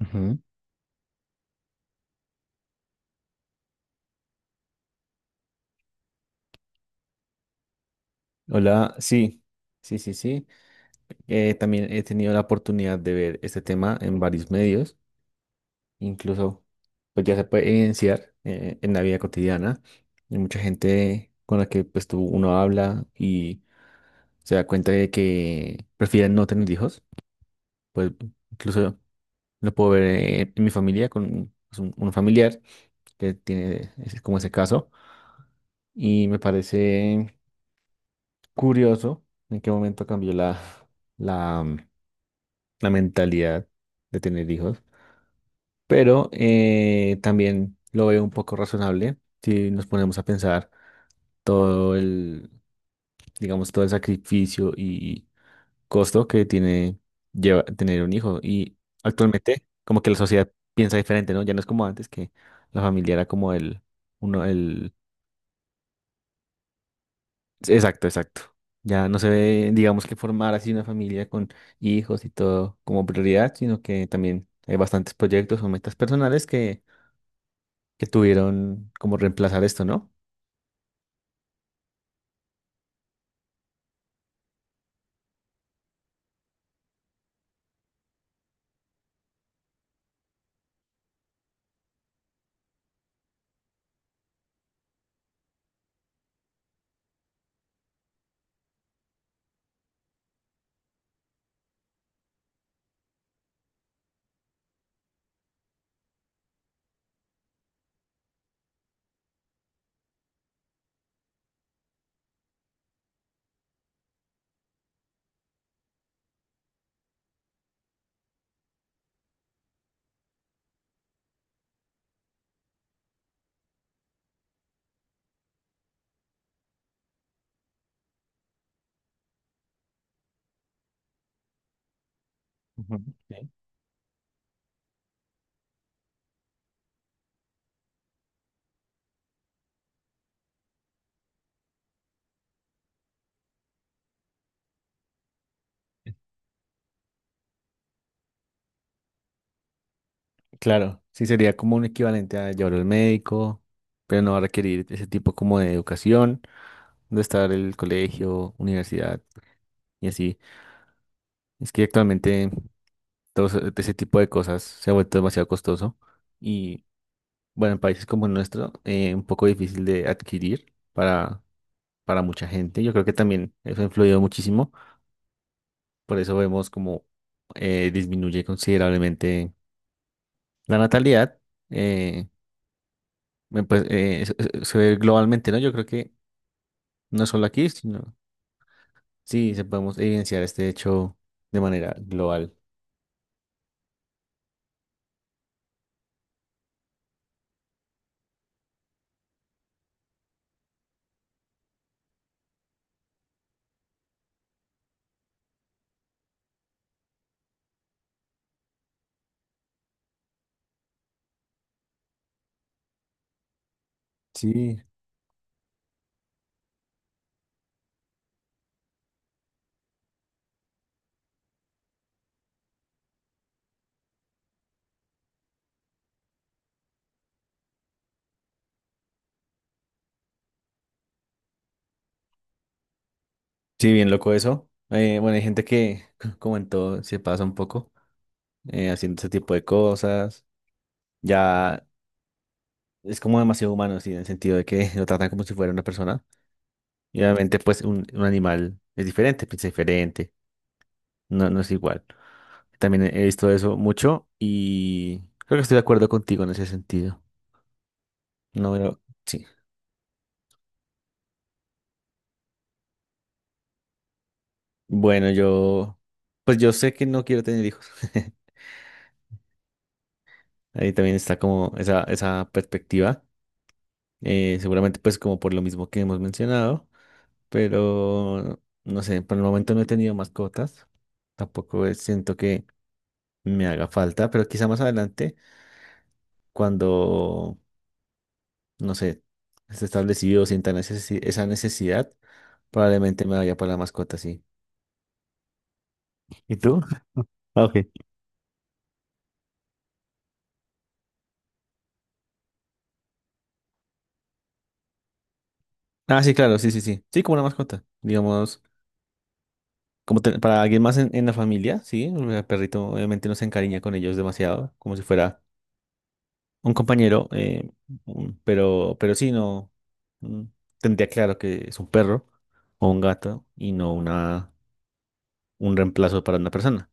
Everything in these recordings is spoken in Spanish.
Ujú. Hola, sí, sí. También he tenido la oportunidad de ver este tema en varios medios, incluso pues ya se puede evidenciar en la vida cotidiana. Hay mucha gente con la que pues tú uno habla y se da cuenta de que prefieren no tener hijos. Pues incluso lo puedo ver en mi familia con pues, un familiar que tiene como ese caso y me parece curioso en qué momento cambió la la mentalidad de tener hijos, pero también lo veo un poco razonable si nos ponemos a pensar todo el, digamos, todo el sacrificio y costo que tiene tener un hijo. Y actualmente, como que la sociedad piensa diferente, ¿no? Ya no es como antes que la familia era como uno, el, exacto, exacto. Ya no se ve, digamos, que formar así una familia con hijos y todo como prioridad, sino que también hay bastantes proyectos o metas personales que tuvieron como reemplazar esto, ¿no? Ujú. Sí. Claro, sí sería como un equivalente a llevar al médico, pero no va a requerir ese tipo como de educación, de estar el colegio, universidad y así. Es que actualmente todo ese tipo de cosas se ha vuelto demasiado costoso y bueno, en países como el nuestro, un poco difícil de adquirir para mucha gente. Yo creo que también eso ha influido muchísimo, por eso vemos como disminuye considerablemente la natalidad eh, pues, se ve globalmente, ¿no? Yo creo que no solo aquí, sino sí, se podemos evidenciar este hecho de manera global. Sí, sí, bien loco eso. Bueno, hay gente que, como en todo, se pasa un poco haciendo ese tipo de cosas. Ya es como demasiado humano, sí, en el sentido de que lo tratan como si fuera una persona. Y obviamente, pues, un animal es diferente, piensa diferente, no, no es igual. También he visto eso mucho y creo que estoy de acuerdo contigo en ese sentido. No, pero sí. Bueno, yo, pues yo sé que no quiero tener hijos. Ahí también está como esa perspectiva. Seguramente pues como por lo mismo que hemos mencionado, pero no sé, por el momento no he tenido mascotas. Tampoco es- Siento que me haga falta, pero quizá más adelante, cuando, no sé, esté establecido, sienta esa necesidad, probablemente me vaya para la mascota, sí. ¿Y tú? Ah, ok. Ah, sí, claro, sí, sí, sí. Sí, como una mascota. Digamos, como para alguien más en la familia, sí. El perrito obviamente no se encariña con ellos demasiado, como si fuera un compañero. Pero sí, no. mm, Tendría claro que es un perro o un gato y no una, un reemplazo para una persona.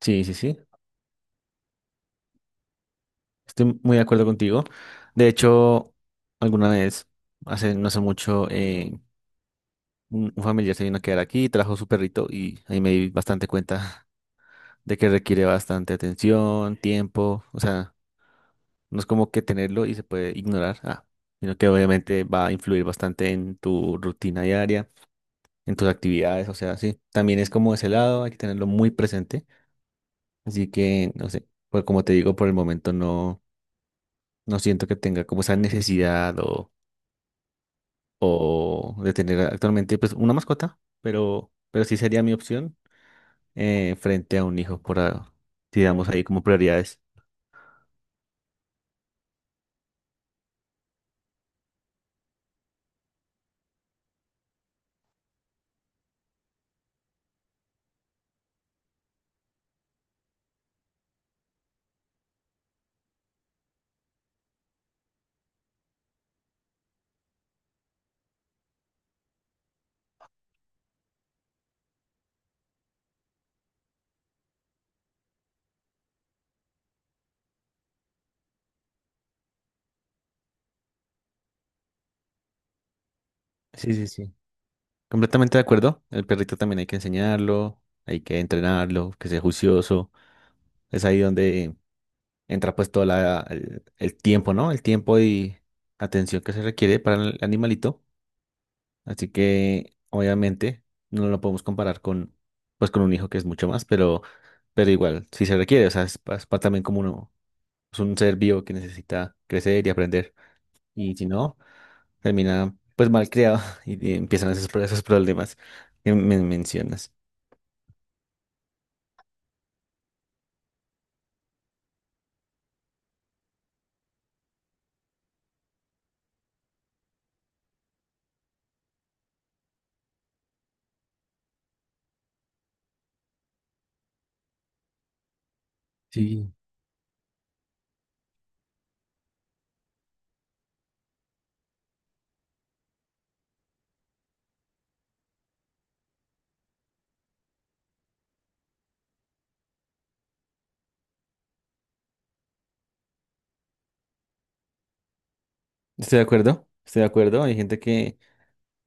Sí, sí, sí. Estoy muy de acuerdo contigo. De hecho, alguna vez, hace no hace mucho, un familiar se vino a quedar aquí, trajo su perrito y ahí me di bastante cuenta de que requiere bastante atención, tiempo, o sea, no es como que tenerlo y se puede ignorar, ah, sino que obviamente va a influir bastante en tu rutina diaria, en tus actividades, o sea, sí, también es como ese lado, hay que tenerlo muy presente, así que, no sé, pues como te digo, por el momento no, no siento que tenga como esa necesidad o de tener actualmente pues una mascota, pero sí sería mi opción frente a un hijo, digamos ahí como prioridades. Sí, sí, sí. Completamente de acuerdo. El perrito también hay que enseñarlo, hay que entrenarlo, que sea juicioso. Es ahí donde entra pues todo el tiempo, ¿no? El tiempo y atención que se requiere para el animalito. Así que obviamente no lo podemos comparar con, pues, con un hijo que es mucho más, pero igual, sí se requiere. O sea, es, también como uno, es un ser vivo que necesita crecer y aprender. Y si no, termina pues mal creado y empiezan esos problemas que me mencionas. Sí, estoy de acuerdo, estoy de acuerdo. Hay gente que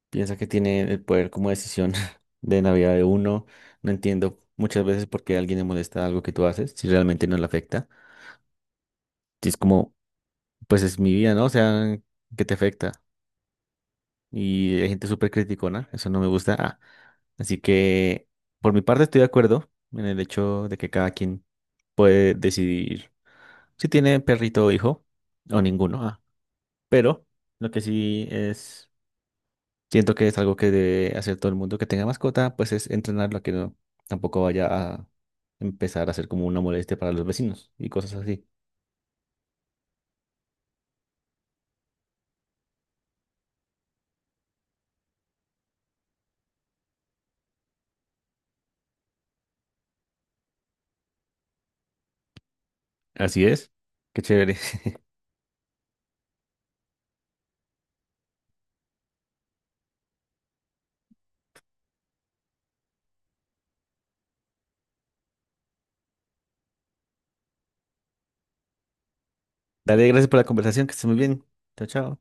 piensa que tiene el poder como decisión de la vida de uno. No entiendo muchas veces por qué a alguien le molesta algo que tú haces si realmente no le afecta. Si es como, pues es mi vida, ¿no? O sea, ¿qué te afecta? Y hay gente súper criticona, eso no me gusta. Ah, así que por mi parte estoy de acuerdo en el hecho de que cada quien puede decidir si tiene perrito o hijo, o ninguno, ah. Pero lo que sí es, siento que es algo que debe hacer todo el mundo que tenga mascota, pues es entrenarlo a que tampoco vaya a empezar a ser como una molestia para los vecinos y cosas así. Así es. Qué chévere. Dale, gracias por la conversación, que estés muy bien. Chao, chao.